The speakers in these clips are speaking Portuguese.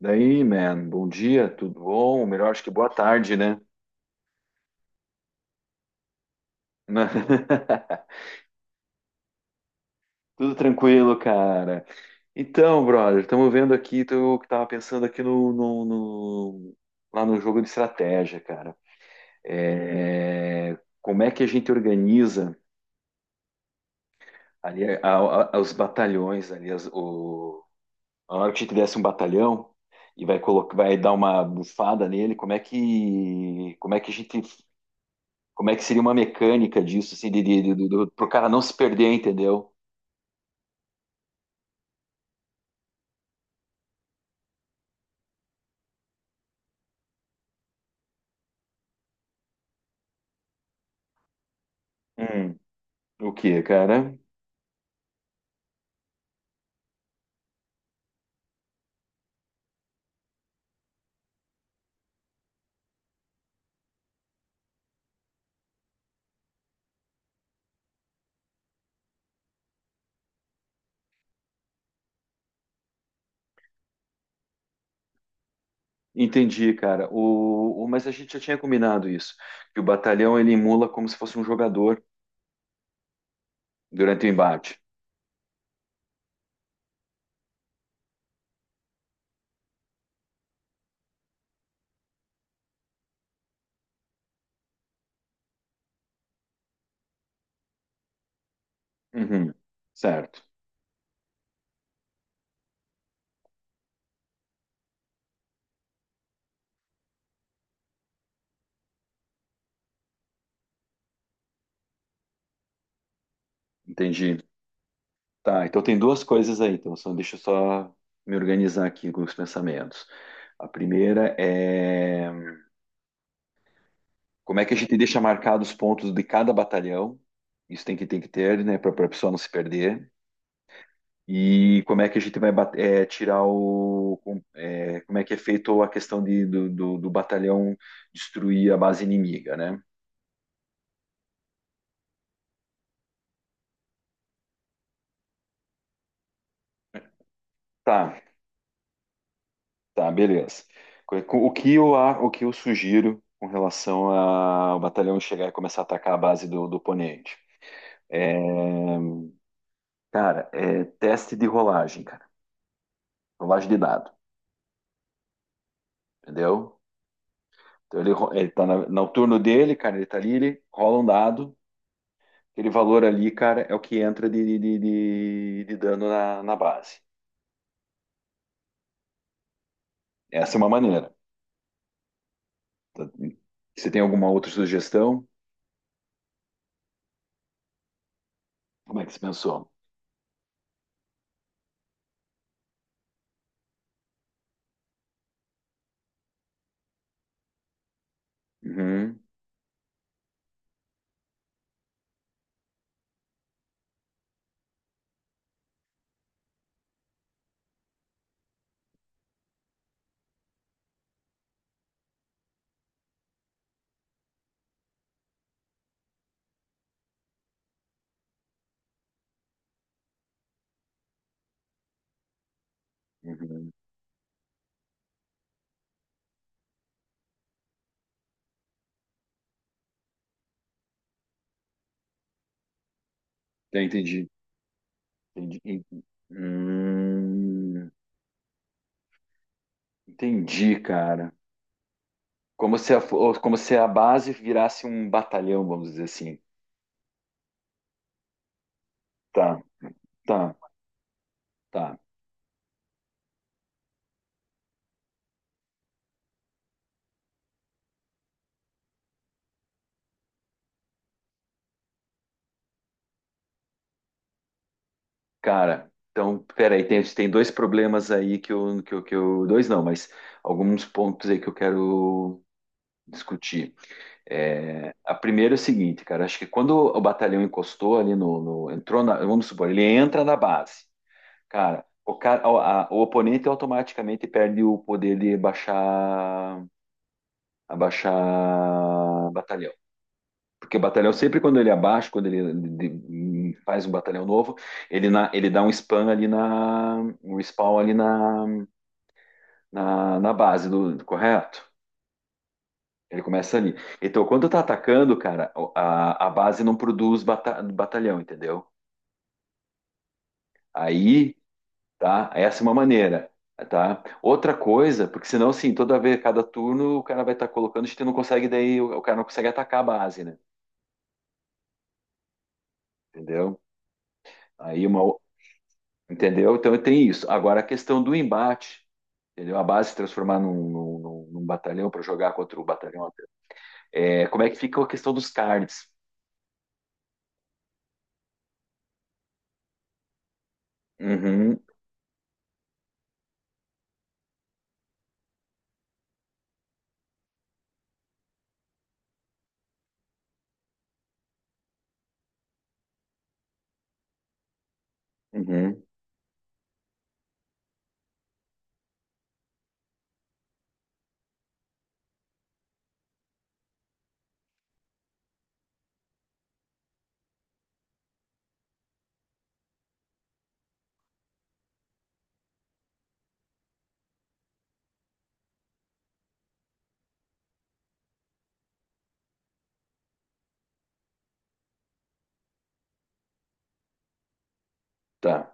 Daí, man, bom dia, tudo bom? Melhor acho que boa tarde, né? Tudo tranquilo, cara. Então, brother, estamos vendo aqui, tô, tava pensando aqui no lá no jogo de estratégia, cara. É, como é que a gente organiza ali os batalhões ali, a hora que a gente desse um batalhão e vai colocar, vai dar uma bufada nele, como é que a gente... Como é que seria uma mecânica disso, assim, pro cara não se perder, entendeu? Hum, o que, cara? Entendi, cara. Mas a gente já tinha combinado isso, que o batalhão ele emula como se fosse um jogador durante o embate. Uhum, certo, entendi. Tá, então tem duas coisas aí, então só, deixa eu só me organizar aqui com os pensamentos. A primeira é como é que a gente deixa marcados os pontos de cada batalhão? Isso tem que ter, né, para a pessoa não se perder. E como é que a gente vai tirar como é que é feito a questão do batalhão destruir a base inimiga, né? Tá, tá, beleza. O que eu, o que eu sugiro com relação ao batalhão chegar e começar a atacar a base do oponente? É, cara, é teste de rolagem, cara. Rolagem de dado, entendeu? Então ele, ele tá no turno dele, cara, ele tá ali, ele rola um dado. Aquele valor ali, cara, é o que entra de dano na, na base. Essa é uma maneira. Tá? Você tem alguma outra sugestão? Como é que você pensou? Uhum, uhum. Tá, entendi. Entendi, hum, entendi, cara. Como se a, como se a base virasse um batalhão, vamos dizer assim. Tá, tá, tá. Cara, então, peraí, tem, tem dois problemas aí que eu... Dois não, mas alguns pontos aí que eu quero discutir. É, a primeira é o seguinte, cara, acho que quando o batalhão encostou ali no, entrou na, vamos supor, ele entra na base, cara, o cara, o oponente automaticamente perde o poder de abaixar, abaixar batalhão, porque o batalhão sempre quando ele abaixa, quando ele, faz um batalhão novo, ele na, ele dá um spam ali na, um spawn ali na, na base do, correto? Ele começa ali. Então, quando tá atacando, cara, a base não produz batalhão, entendeu? Aí, tá? Essa é uma maneira, tá? Outra coisa, porque senão, assim, toda vez, cada turno, o cara vai estar colocando, a gente não consegue, daí o cara não consegue atacar a base, né? Entendeu? Aí uma, entendeu? Então tem isso. Agora a questão do embate, entendeu? A base se transformar num, num batalhão para jogar contra o batalhão. É, como é que fica a questão dos cards? Uhum, uhum, tá.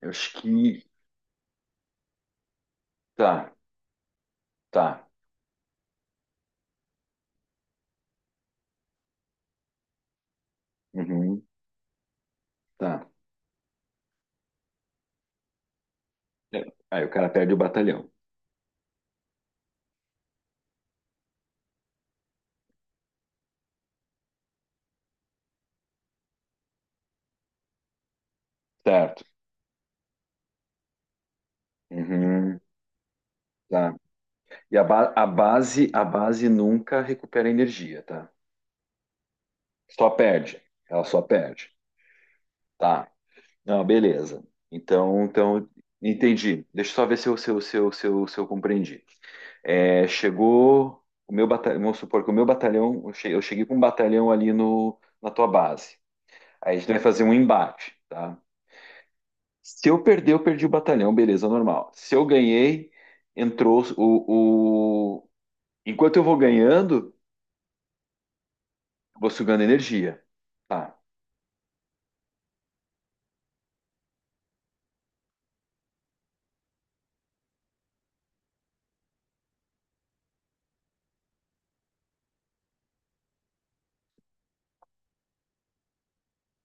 Eu acho que... tá, tá. Uhum. Tá. É. Aí o cara perde o batalhão. Certo. Uhum. Tá. E a, a base nunca recupera energia, tá? Só perde. Ela só perde. Tá. Não, beleza. Então, então, entendi. Deixa eu só ver se eu compreendi. É, chegou o meu batalhão, vamos supor que o meu batalhão, eu eu cheguei com um batalhão ali no, na tua base. Aí a gente vai fazer um embate, tá? Se eu perder, eu perdi o batalhão, beleza, normal. Se eu ganhei, entrou o... Enquanto eu vou ganhando, eu vou sugando energia. Tá,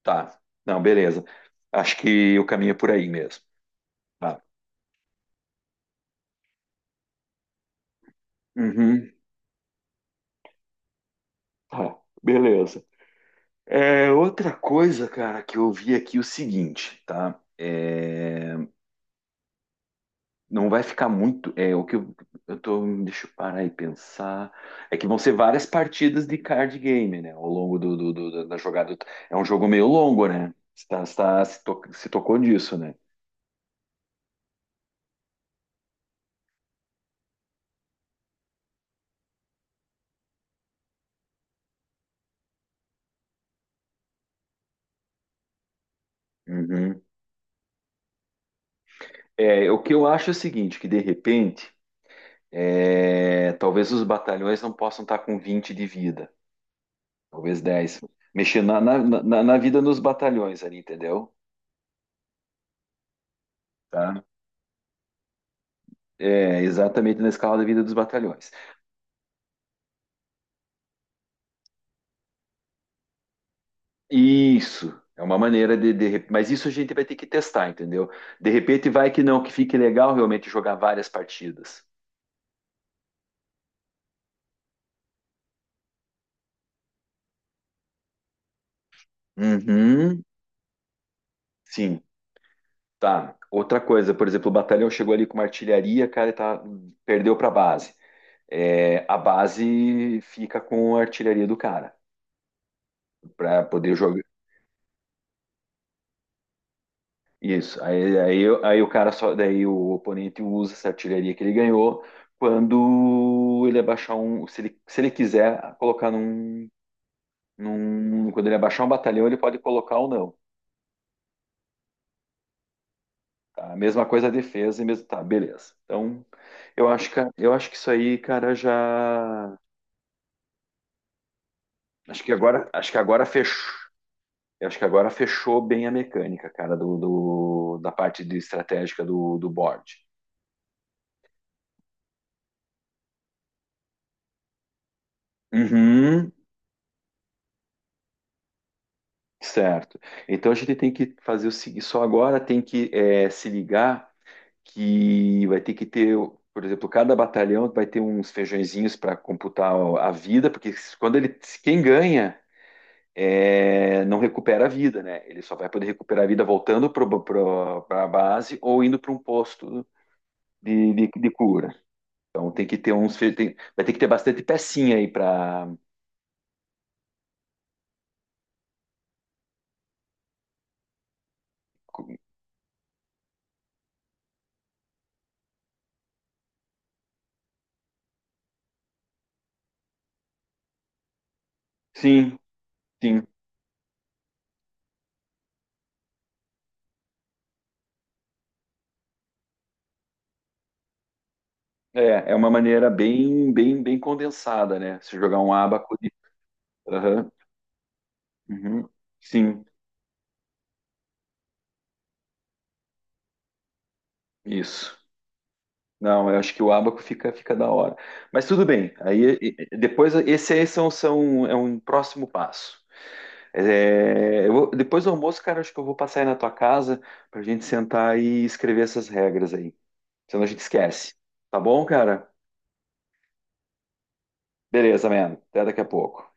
tá. Não, beleza. Acho que o caminho é por aí mesmo. Tá. Uhum, tá, beleza. É, outra coisa, cara, que eu vi aqui é o seguinte, tá? É... Não vai ficar muito. É o que eu tô... Deixa eu parar e pensar. É que vão ser várias partidas de card game, né? Ao longo da da jogada. É um jogo meio longo, né? Se, se tocou disso, né? Uhum. É, o que eu acho é o seguinte, que de repente, é, talvez os batalhões não possam estar com 20 de vida, talvez 10, mexer na vida dos batalhões ali, entendeu? Tá? É, exatamente na escala da vida dos batalhões. Isso é uma maneira mas isso a gente vai ter que testar, entendeu? De repente vai que não, que fique legal realmente jogar várias partidas. Uhum, sim, tá. Outra coisa, por exemplo, o batalhão chegou ali com uma artilharia, cara, e tá, perdeu para base. É, a base fica com a artilharia do cara para poder jogar. Isso. Aí o cara só, daí o oponente usa essa artilharia que ele ganhou quando ele abaixar um, se ele quiser colocar num... quando ele abaixar um batalhão, ele pode colocar ou não. Tá? A mesma coisa a defesa e mesmo. Tá, beleza. Então, eu acho que isso aí, cara, já. Acho que agora fechou. Eu acho que agora fechou bem a mecânica, cara, da parte de estratégica do board. Uhum, certo. Então a gente tem que fazer o seguinte, só agora tem que é, se ligar que vai ter que ter, por exemplo, cada batalhão vai ter uns feijõezinhos para computar a vida, porque quando ele, quem ganha é, não recupera a vida, né? Ele só vai poder recuperar a vida voltando para a base ou indo para um posto de cura. Então tem que ter uns, vai ter que ter bastante pecinha aí para. Sim, sim. É, é uma maneira bem condensada, né? Se jogar um abaco de... Aham, uhum, sim, isso. Não, eu acho que o Abaco fica, fica da hora. Mas tudo bem. Aí depois esse aí são, são, é um próximo passo. É, depois do almoço, cara, acho que eu vou passar aí na tua casa pra gente sentar e escrever essas regras aí. Senão a gente esquece. Tá bom, cara? Beleza, mano. Até daqui a pouco.